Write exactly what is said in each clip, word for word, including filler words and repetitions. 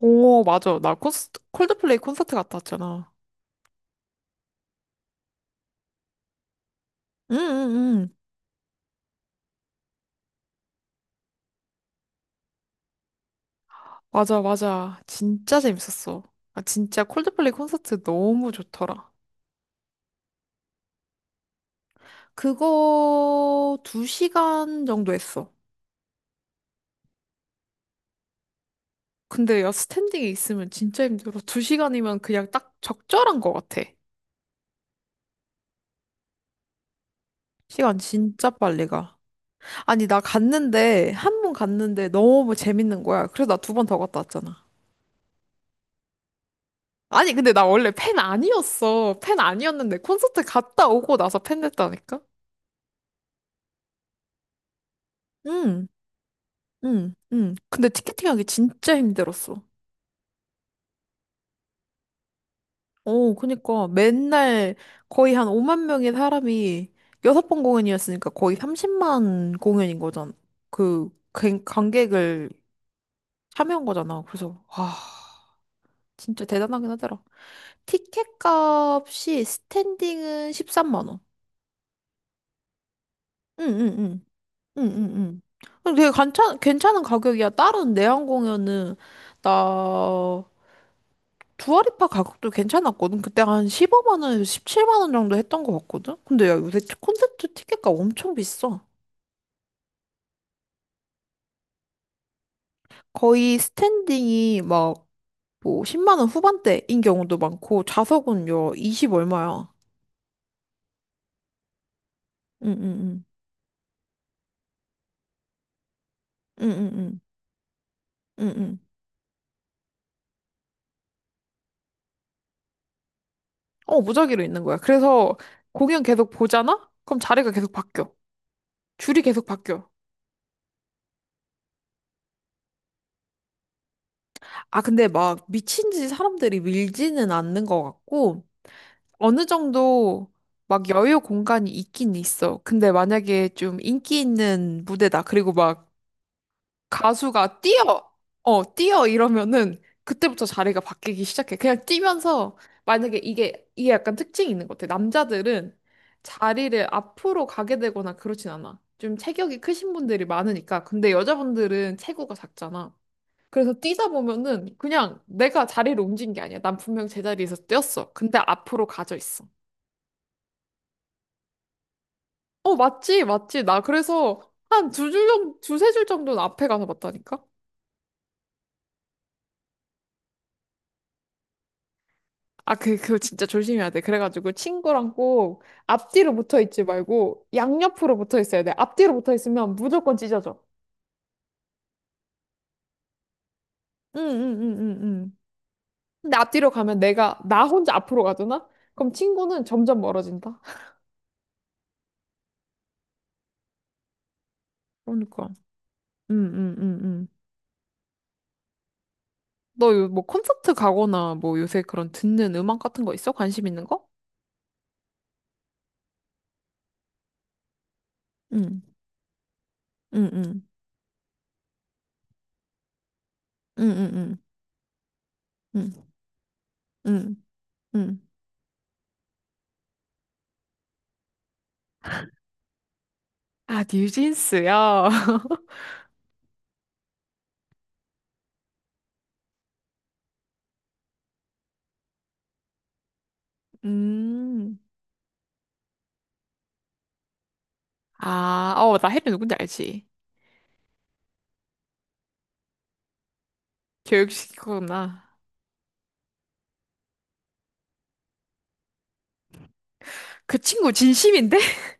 오, 맞아. 나 콘스, 콜드플레이 콘서트 갔다 왔잖아. 응, 응, 응. 맞아, 맞아. 진짜 재밌었어. 아, 진짜 콜드플레이 콘서트 너무 좋더라. 그거 두 시간 정도 했어. 근데 야, 스탠딩에 있으면 진짜 힘들어. 두 시간이면 그냥 딱 적절한 것 같아. 시간 진짜 빨리 가. 아니, 나 갔는데, 한 번 갔는데 너무 재밌는 거야. 그래서 나 두 번 더 갔다 왔잖아. 아니, 근데 나 원래 팬 아니었어. 팬 아니었는데 콘서트 갔다 오고 나서 팬 됐다니까? 응, 응, 응. 근데 티켓팅하기 진짜 힘들었어. 어, 그니까 맨날 거의 한 오만 명의 사람이 여섯 번 공연이었으니까 거의 삼십만 공연인 거잖아. 그 관- 관객을 참여한 거잖아. 그래서 와, 진짜 대단하긴 하더라. 티켓 값이 스탠딩은 십삼만 원. 응, 응, 응. 응, 응, 응. 되게 괜찮, 괜찮은 가격이야. 다른 내한 공연은 나 두아리파 가격도 괜찮았거든. 그때 한 십오만 원에서 십칠만 원 정도 했던 것 같거든. 근데 야, 요새 콘서트 티켓값 엄청 비싸. 거의 스탠딩이 막 뭐 십만 원 후반대인 경우도 많고 좌석은 요이십 얼마야. 응응응. 응응응. 응응. 어, 무작위로 있는 거야. 그래서 공연 계속 보잖아? 그럼 자리가 계속 바뀌어. 줄이 계속 바뀌어. 아, 근데 막 미친 듯이 사람들이 밀지는 않는 것 같고 어느 정도 막 여유 공간이 있긴 있어. 근데 만약에 좀 인기 있는 무대다. 그리고 막 가수가 뛰어! 어, 뛰어! 이러면은 그때부터 자리가 바뀌기 시작해. 그냥 뛰면서 만약에 이게, 이게 약간 특징이 있는 것 같아. 남자들은 자리를 앞으로 가게 되거나 그렇진 않아. 좀 체격이 크신 분들이 많으니까. 근데 여자분들은 체구가 작잖아. 그래서 뛰다 보면은 그냥 내가 자리를 옮긴 게 아니야. 난 분명 제자리에서 뛰었어. 근데 앞으로 가져 있어. 어, 맞지, 맞지. 나 그래서 한 두 줄 정도, 두세 줄 정도는 앞에 가서 봤다니까? 아, 그, 그거 진짜 조심해야 돼. 그래가지고 친구랑 꼭 앞뒤로 붙어 있지 말고 양옆으로 붙어 있어야 돼. 앞뒤로 붙어 있으면 무조건 찢어져. 응, 응, 응, 응, 응. 근데 앞뒤로 가면 내가, 나 혼자 앞으로 가잖아? 그럼 친구는 점점 멀어진다. 그러니까. 응, 응, 응, 응. 너 요 뭐 콘서트 가거나 뭐 요새 그런 듣는 음악 같은 거 있어? 관심 있는 거? 응, 응, 응, 응, 응, 응, 응, 응. 응. 아, 뉴진스요? 음. 아, 어, 나 혜리 누군지 알지? 교육시키구나. 그 친구 진심인데?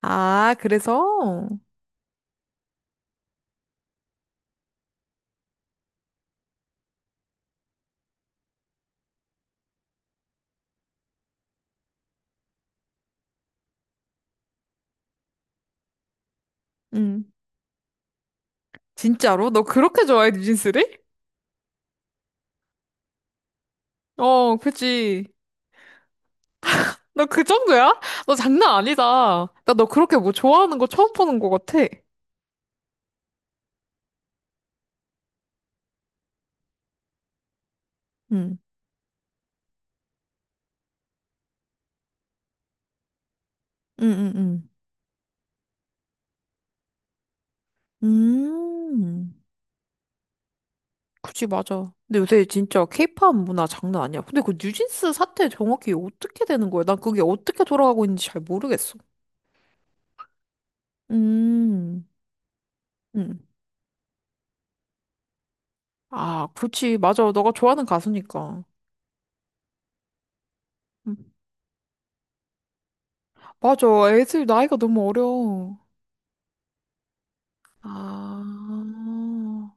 아, 그래서? 음. 진짜로? 너 그렇게 좋아해, 뉴진스를? 어, 그치. 너 그 정도야? 너 장난 아니다. 나 너 그렇게 뭐 좋아하는 거 처음 보는 거 같아. 응, 응, 응, 응. 음. 그치, 맞아. 근데 요새 진짜 케이팝 문화 장난 아니야. 근데 그 뉴진스 사태 정확히 어떻게 되는 거야? 난 그게 어떻게 돌아가고 있는지 잘 모르겠어. 음, 음. 아, 그렇지. 맞아. 너가 좋아하는 가수니까. 음. 맞아. 애들 나이가 너무 어려워. 아.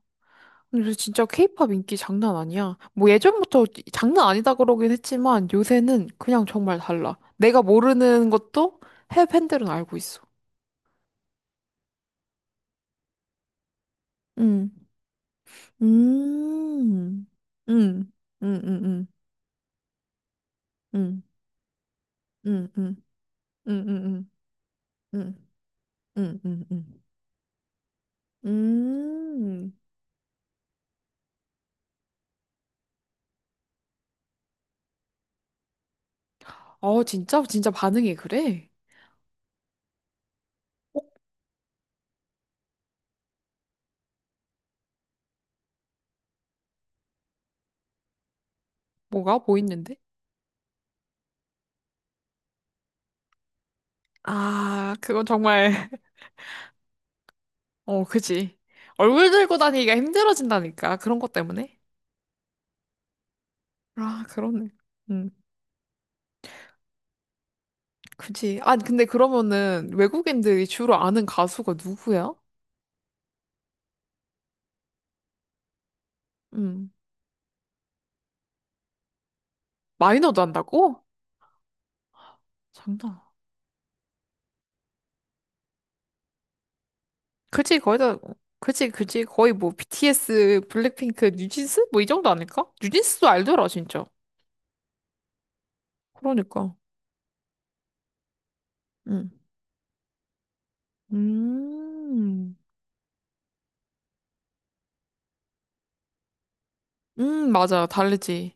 근데 요새 진짜 케이팝 인기 장난 아니야. 뭐 예전부터 장난 아니다 그러긴 했지만 요새는 그냥 정말 달라. 내가 모르는 것도 해외 팬들은 알고 있어. 음, 음, 음, 음, 음, 음, 음, 음, 음, 음, 음, 음, 음. 음. 어, 진짜? 진짜 반응이 그래? 뭐가? 뭐 있는데? 아, 그건 정말, 어, 그지. 얼굴 들고 다니기가 힘들어진다니까. 그런 것 때문에. 아, 그러네. 음, 그지. 아, 근데 그러면은 외국인들이 주로 아는 가수가 누구야? 음, 마이너도 한다고? 장난. 그치, 거의 다, 그치, 그치. 거의 뭐 비티에스, 블랙핑크, 뉴진스? 뭐 이 정도 아닐까? 뉴진스도 알더라, 진짜. 그러니까. 응. 음. 음, 맞아. 다르지.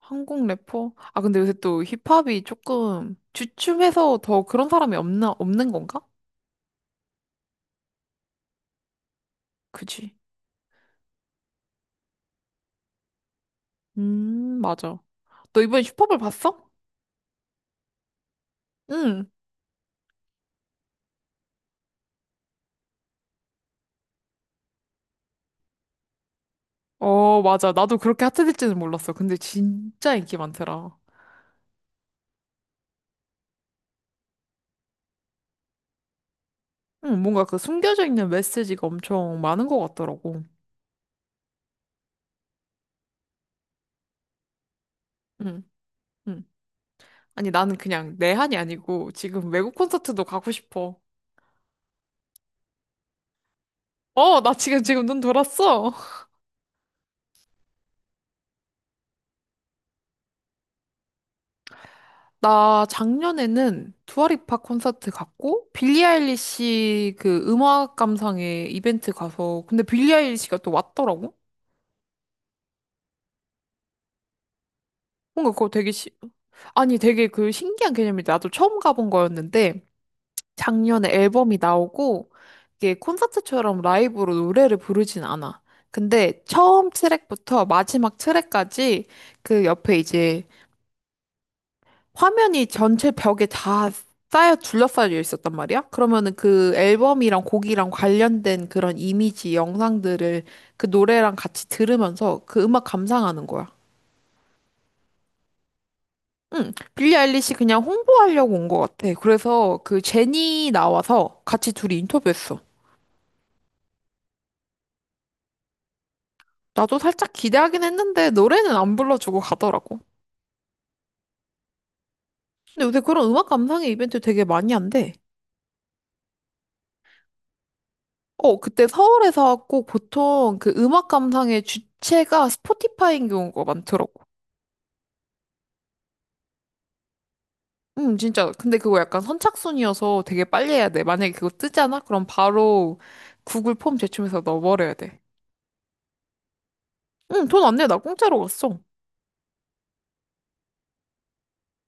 한국 래퍼? 아, 근데 요새 또 힙합이 조금 주춤해서 더 그런 사람이 없나, 없는 건가? 그치. 음, 맞아. 너 이번에 힙합을 봤어? 응. 어, 맞아. 나도 그렇게 핫해질지는 몰랐어. 근데 진짜 인기 많더라. 응, 뭔가 그 숨겨져 있는 메시지가 엄청 많은 것 같더라고. 응, 응. 아니, 나는 그냥 내 한이 아니고 지금 외국 콘서트도 가고 싶어. 어, 나 지금, 지금 눈 돌았어. 나 작년에는 두아리파 콘서트 갔고, 빌리 아일리시 그 음악 감상회 이벤트 가서, 근데 빌리 아일리시가 또 왔더라고? 뭔가 그거 되게, 시... 아니, 되게 그 신기한 개념인데, 나도 처음 가본 거였는데, 작년에 앨범이 나오고 이게 콘서트처럼 라이브로 노래를 부르진 않아. 근데 처음 트랙부터 마지막 트랙까지 그 옆에 이제 화면이 전체 벽에 다 쌓여 둘러싸여 있었단 말이야. 그러면은 그 앨범이랑 곡이랑 관련된 그런 이미지 영상들을 그 노래랑 같이 들으면서 그 음악 감상하는 거야. 응, 빌리 아일리시 그냥 홍보하려고 온 것 같아. 그래서 그 제니 나와서 같이 둘이 인터뷰했어. 나도 살짝 기대하긴 했는데 노래는 안 불러주고 가더라고. 근데 요새 그런 음악 감상회 이벤트 되게 많이 한대. 어, 그때 서울에서 꼭 보통 그 음악 감상의 주체가 스포티파이인 경우가 많더라고. 음, 진짜. 근데 그거 약간 선착순이어서 되게 빨리 해야 돼. 만약에 그거 뜨잖아? 그럼 바로 구글 폼 제출해서 넣어버려야 돼. 응, 돈 안 내. 나 공짜로 갔어.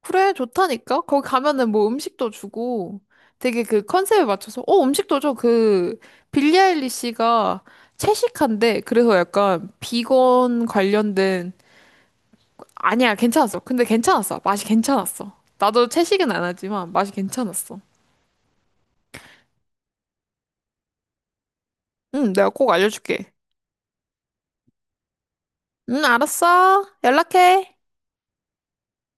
그래, 좋다니까? 거기 가면은 뭐 음식도 주고 되게 그 컨셉에 맞춰서, 어, 음식도 줘. 그, 빌리 아일리시가 채식한데, 그래서 약간 비건 관련된, 아니야, 괜찮았어. 근데 괜찮았어. 맛이 괜찮았어. 나도 채식은 안 하지만 맛이 괜찮았어. 응, 내가 꼭 알려줄게. 응, 알았어. 연락해.